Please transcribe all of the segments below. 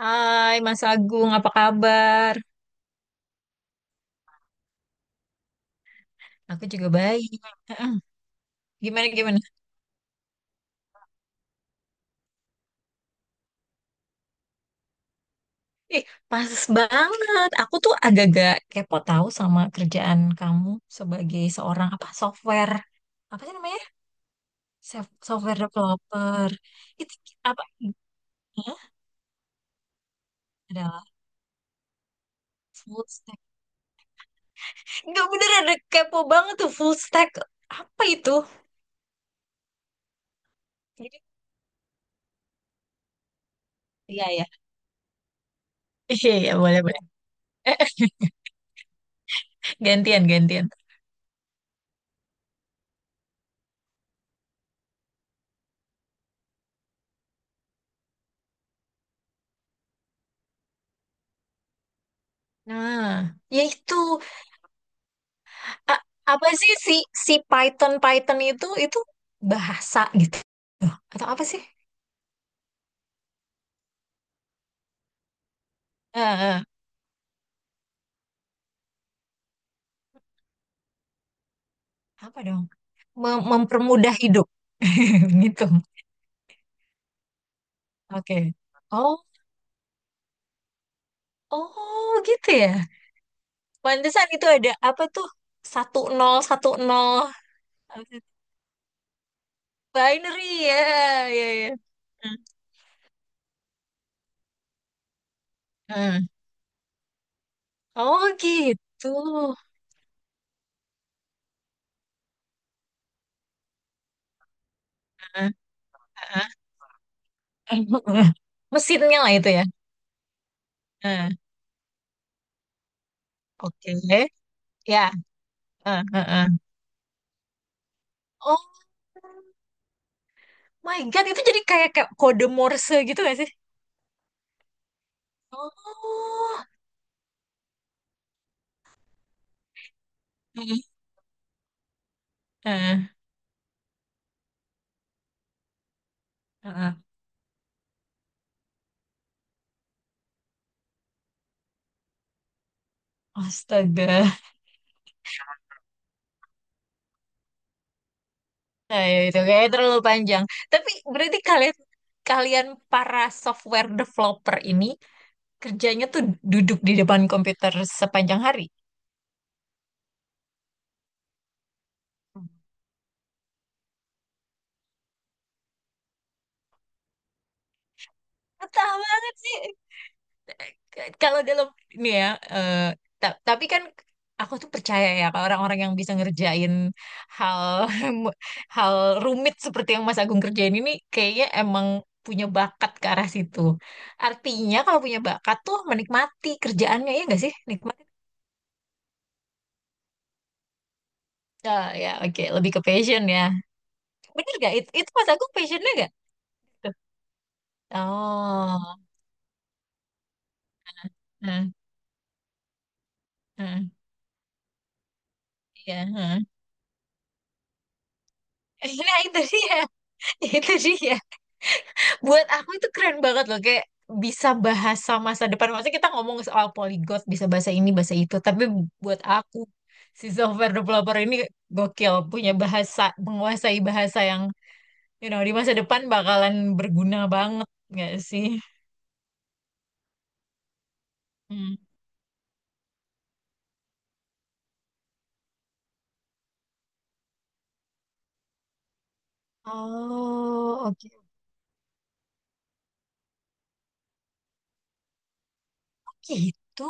Hai Mas Agung, apa kabar? Aku juga baik. Heeh. Gimana gimana? Ih, pas banget. Aku tuh agak-agak kepo tahu sama kerjaan kamu sebagai seorang apa software apa sih namanya? Software developer. Itu apa? Hah? Adalah full stack. Enggak bener ada kepo banget tuh full stack. Apa itu? Jadi iya ya. Iya iya boleh boleh. Gantian gantian. Nah, ya itu. A- Apa sih si si Python Python itu bahasa gitu atau apa sih? Eh, eh, apa dong? Mempermudah hidup gitu. Oke. Oh, oh gitu ya. Pantesan itu ada apa tuh? Satu nol satu nol apa sih? Binary ya, ya ya. Hmm. Hmm. Oh gitu. Heeh, heeh. Mesinnya lah itu ya. Heeh. Oke. Ya. Heeh, heeh. Oh. My God, itu jadi kayak, kayak kode Morse gitu gak sih? Oh. Heeh, heeh, heeh. Astaga. Nah, ya itu kayak terlalu panjang. Tapi berarti kalian kalian para software developer ini kerjanya tuh duduk di depan komputer sepanjang hari. Betah banget sih. Kalau dalam ini ya eh, tapi kan aku tuh percaya ya kalau orang-orang yang bisa ngerjain hal hal rumit seperti yang Mas Agung kerjain ini kayaknya emang punya bakat ke arah situ. Artinya kalau punya bakat tuh menikmati kerjaannya ya nggak sih? Nikmati. Ah, ya oke. Lebih ke passion ya. Bener gak? Itu Mas Agung passionnya gak? Oh, hmm, hmm, iya, hmm. Nah itu dia, itu dia. Buat aku itu keren banget loh kayak bisa bahasa masa depan, maksudnya kita ngomong soal polyglot bisa bahasa ini bahasa itu, tapi buat aku si software developer ini gokil punya bahasa, menguasai bahasa yang di masa depan bakalan berguna banget nggak sih. Hmm. Oh, oke. Gitu.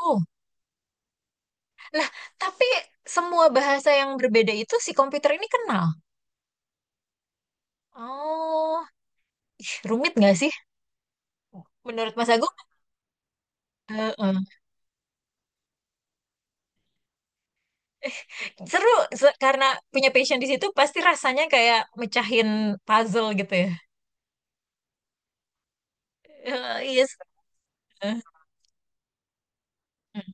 Nah, tapi semua bahasa yang berbeda itu si komputer ini kenal. Oh, ih, rumit nggak sih? Menurut Mas Agung? Heeh. Seru karena punya passion di situ pasti rasanya kayak mecahin puzzle gitu ya. Iya, seru. Hmm.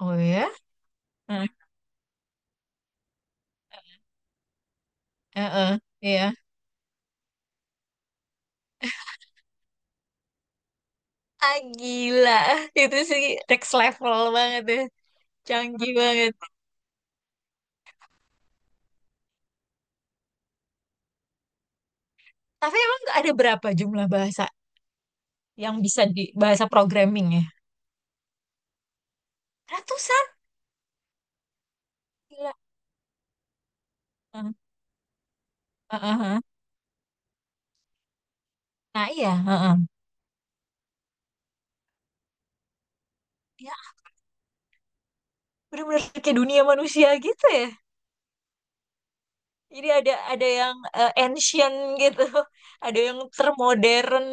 Oh ya? Hmm. Eh, eh, Iya. Ah gila. Itu sih next level banget ya. Canggih banget. Tapi emang ada berapa jumlah bahasa yang bisa di bahasa programming ya? Ratusan. Gila. Hmm. Eh, eh, eh. Nah iya. eh, eh. Ya bener-bener kayak dunia manusia gitu ya. Jadi ada yang ancient gitu, ada yang termodern.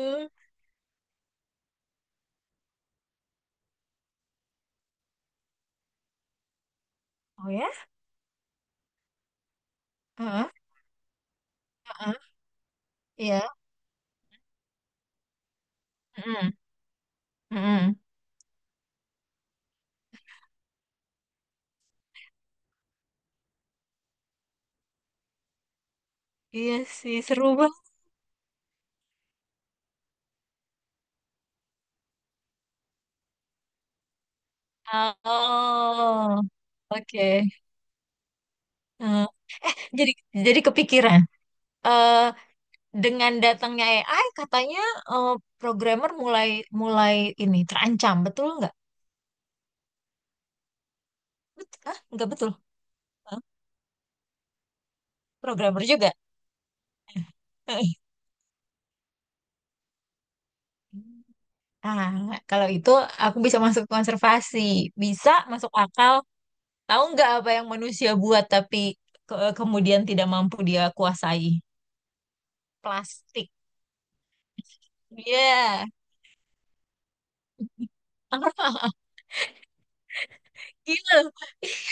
Oh ya? Heeh, heeh, iya. Mm-mm. Iya sih, seru banget. Oh, oke. Heeh. Jadi, jadi kepikiran. Eh, dengan datangnya AI, katanya eh, programmer mulai mulai ini terancam, betul nggak? Nggak betul. Hah? Programmer juga. Ah, kalau itu aku bisa masuk konservasi, bisa masuk akal. Tahu nggak apa yang manusia buat tapi kemudian tidak mampu dia kuasai? Plastik. Iya. Gila. Iya,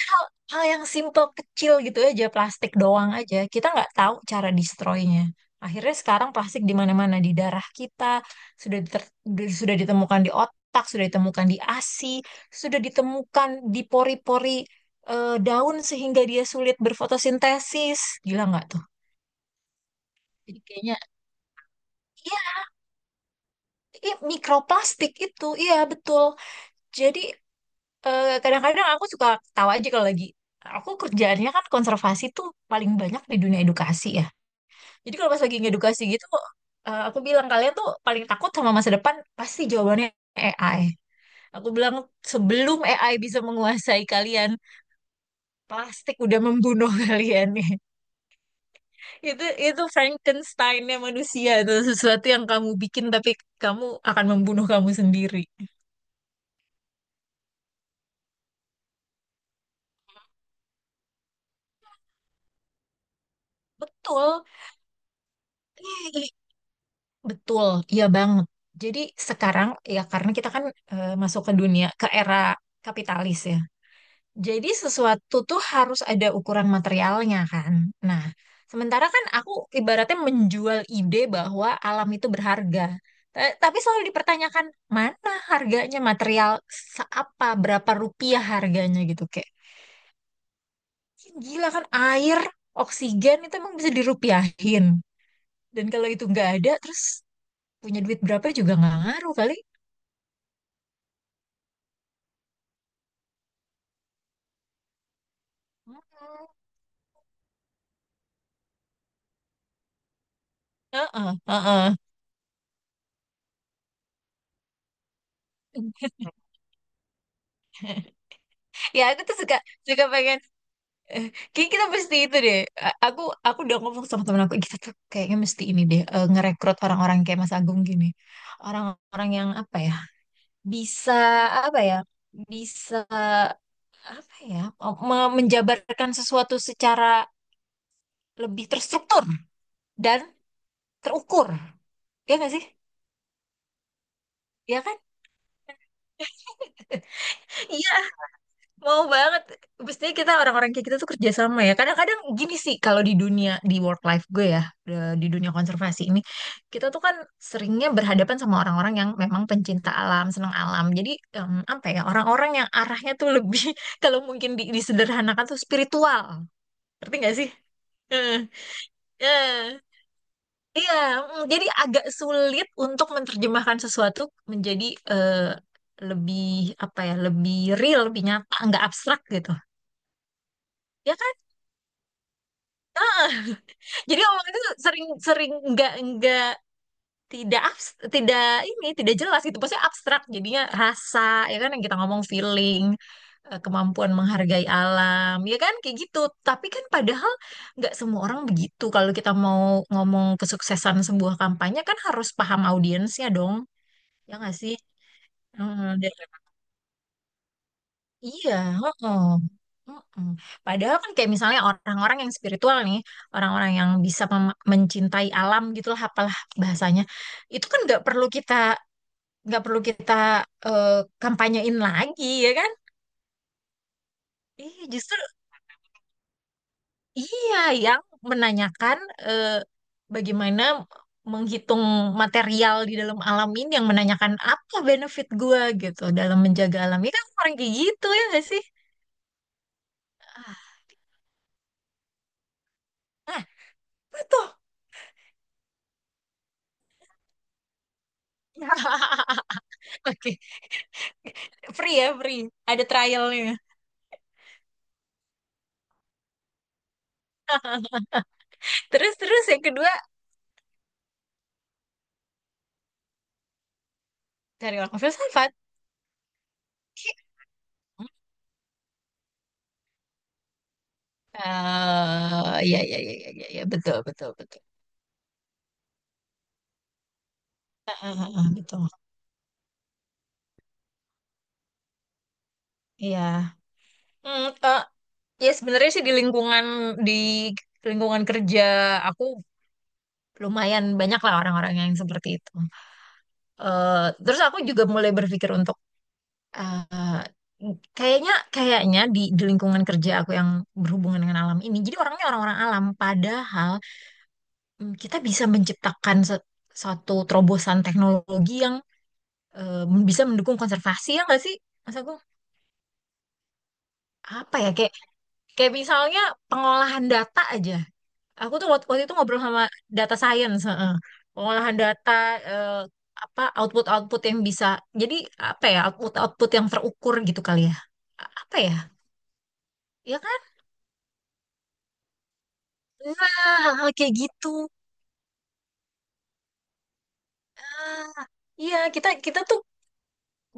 hal, hal yang simple kecil gitu aja plastik doang aja. Kita nggak tahu cara destroy-nya. Akhirnya sekarang plastik di mana-mana, di darah kita sudah diter- sudah ditemukan di otak, sudah ditemukan di ASI, sudah ditemukan di pori-pori daun sehingga dia sulit berfotosintesis. Gila nggak tuh? Jadi kayaknya iya, iya, mikroplastik itu iya betul. Jadi kadang-kadang aku suka tahu aja kalau lagi aku kerjaannya kan konservasi tuh paling banyak di dunia edukasi ya. Jadi kalau pas lagi ngedukasi gitu, aku bilang kalian tuh paling takut sama masa depan pasti jawabannya AI. Aku bilang sebelum AI bisa menguasai kalian, plastik udah membunuh kalian nih. Itu Frankensteinnya manusia, itu sesuatu yang kamu bikin tapi kamu akan membunuh kamu sendiri. Betul. Eh, Betul, iya banget. Jadi sekarang ya karena kita kan masuk ke dunia ke era kapitalis ya. Jadi sesuatu tuh harus ada ukuran materialnya kan. Nah, sementara kan aku ibaratnya menjual ide bahwa alam itu berharga. Tapi selalu dipertanyakan mana harganya material, seapa berapa rupiah harganya gitu, kayak gila kan. Air, oksigen itu emang bisa dirupiahin. Dan kalau itu nggak ada terus punya duit berapa juga nggak ngaruh kali. Heeh, heeh. Ya aku tuh suka suka pengen eh, kayak kita mesti itu deh. A- Aku aku udah ngomong sama temen aku, kita tuh kayaknya mesti ini deh, ngerekrut orang-orang kayak Mas Agung gini. Orang-orang yang apa ya? Bisa apa ya? Bisa apa ya? Menjabarkan sesuatu secara lebih terstruktur dan terukur. Ya nggak sih? Ya kan? Iya, mau banget. Pastinya kita orang-orang kayak kita tuh kerja sama ya. Kadang-kadang gini sih kalau di dunia di work life gue ya, di dunia konservasi ini, kita tuh kan seringnya berhadapan sama orang-orang yang memang pencinta alam, senang alam. Jadi apa ya, orang-orang yang arahnya tuh lebih kalau mungkin disederhanakan tuh spiritual. Ngerti gak sih? Eh, eh. Iya, mm, jadi agak sulit untuk menerjemahkan sesuatu menjadi eh, lebih apa ya, lebih real, lebih nyata, nggak abstrak gitu. Ya kan? Jadi omongan itu sering sering nggak tidak ini tidak jelas gitu. Maksudnya abstrak jadinya rasa, ya kan yang kita ngomong feeling, kemampuan menghargai alam ya kan kayak gitu. Tapi kan padahal nggak semua orang begitu. Kalau kita mau ngomong kesuksesan sebuah kampanye kan harus paham audiensnya dong. Ya nggak sih? Heeh. Iya, heeh. Heeh. Padahal kan kayak misalnya orang-orang yang spiritual nih, orang-orang yang bisa mencintai alam gitulah, apalah bahasanya, itu kan nggak perlu kita eh, kampanyein lagi ya kan? Iya, justru iya yang menanyakan eh, bagaimana menghitung material di dalam alam ini, yang menanyakan apa benefit gua gitu dalam menjaga alam ini kan orang kayak gitu ya nggak sih? Ah, nah, betul. Oke. Free ya, free. Ada trialnya. Terus terus yang kedua dari orang filsafat. Eh, ya, ya, ya, ya, ya, ya, betul, betul, betul. Ah, ah, ah, betul. Iya. Hmm, eh, ya sebenarnya sih di lingkungan di lingkungan kerja aku lumayan banyak lah orang-orang yang seperti itu. Eh, terus aku juga mulai berpikir untuk eh, kayaknya kayaknya di lingkungan kerja aku yang berhubungan dengan alam ini. Jadi orangnya orang-orang alam, padahal mm, kita bisa menciptakan suatu terobosan teknologi yang eh, bisa mendukung konservasi ya nggak sih? Mas Agung, apa ya kayak kayak misalnya pengolahan data aja. Aku tuh waktu, waktu itu ngobrol sama data science, heeh. Pengolahan data eh, apa output-output yang bisa jadi apa ya output-output yang terukur gitu kali ya. Apa ya? Ya kan? Nah, hal-hal kayak gitu. Ah, iya, kita kita tuh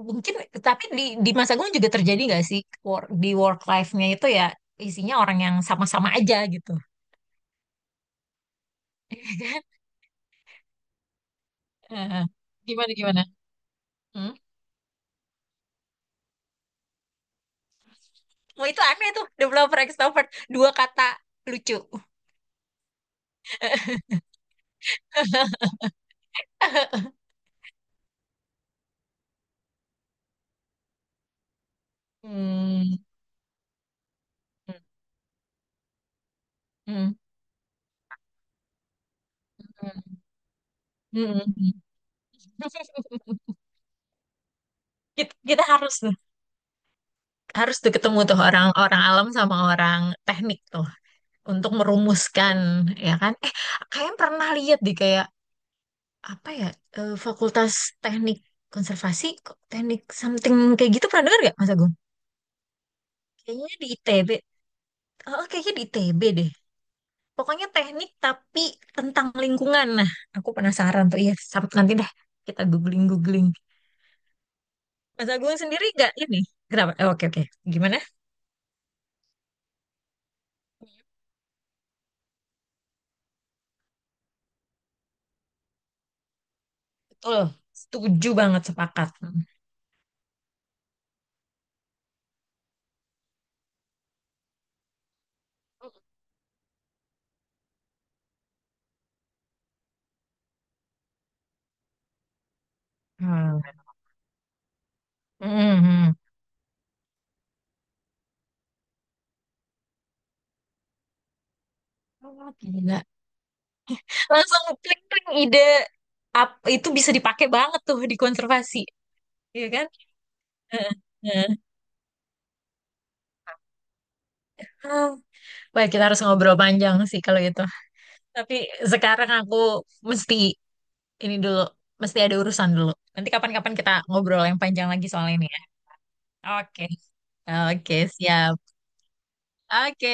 mungkin, tapi di masa gue juga terjadi nggak sih, work- di work life-nya itu ya isinya orang yang sama-sama aja gitu. Eh, gimana, gimana? Hmm? Oh, itu aneh tuh, developer extrovert. Dua kata lucu. Hmm. Hmm. Hmm. Hmm. Kita, kita harus tuh ketemu tuh orang-orang alam sama orang teknik tuh untuk merumuskan ya kan? Eh, kalian pernah lihat deh kayak apa ya Fakultas Teknik Konservasi kok teknik something kayak gitu pernah dengar gak Mas Agung? Kayaknya di ITB. Oh, kayaknya di ITB deh. Pokoknya teknik tapi tentang lingkungan. Nah, aku penasaran tuh. Iya, sam- nanti deh kita googling-googling. Mas Agung sendiri gak ini? Kenapa? Eh, oke, oke. Gimana? Betul. Setuju banget, sepakat. Hmm. Hmm. Hmm, hmm. Oh, gila. Langsung klik-klik ide. Ap, itu bisa dipakai banget tuh di konservasi. Iya kan? Heeh, heeh. Hmm, wah, kita harus ngobrol panjang sih kalau itu. Tapi sekarang aku mesti ini dulu, mesti ada urusan dulu. Nanti kapan-kapan kita ngobrol yang panjang lagi soal ini ya. Oke, oke, siap. Oke.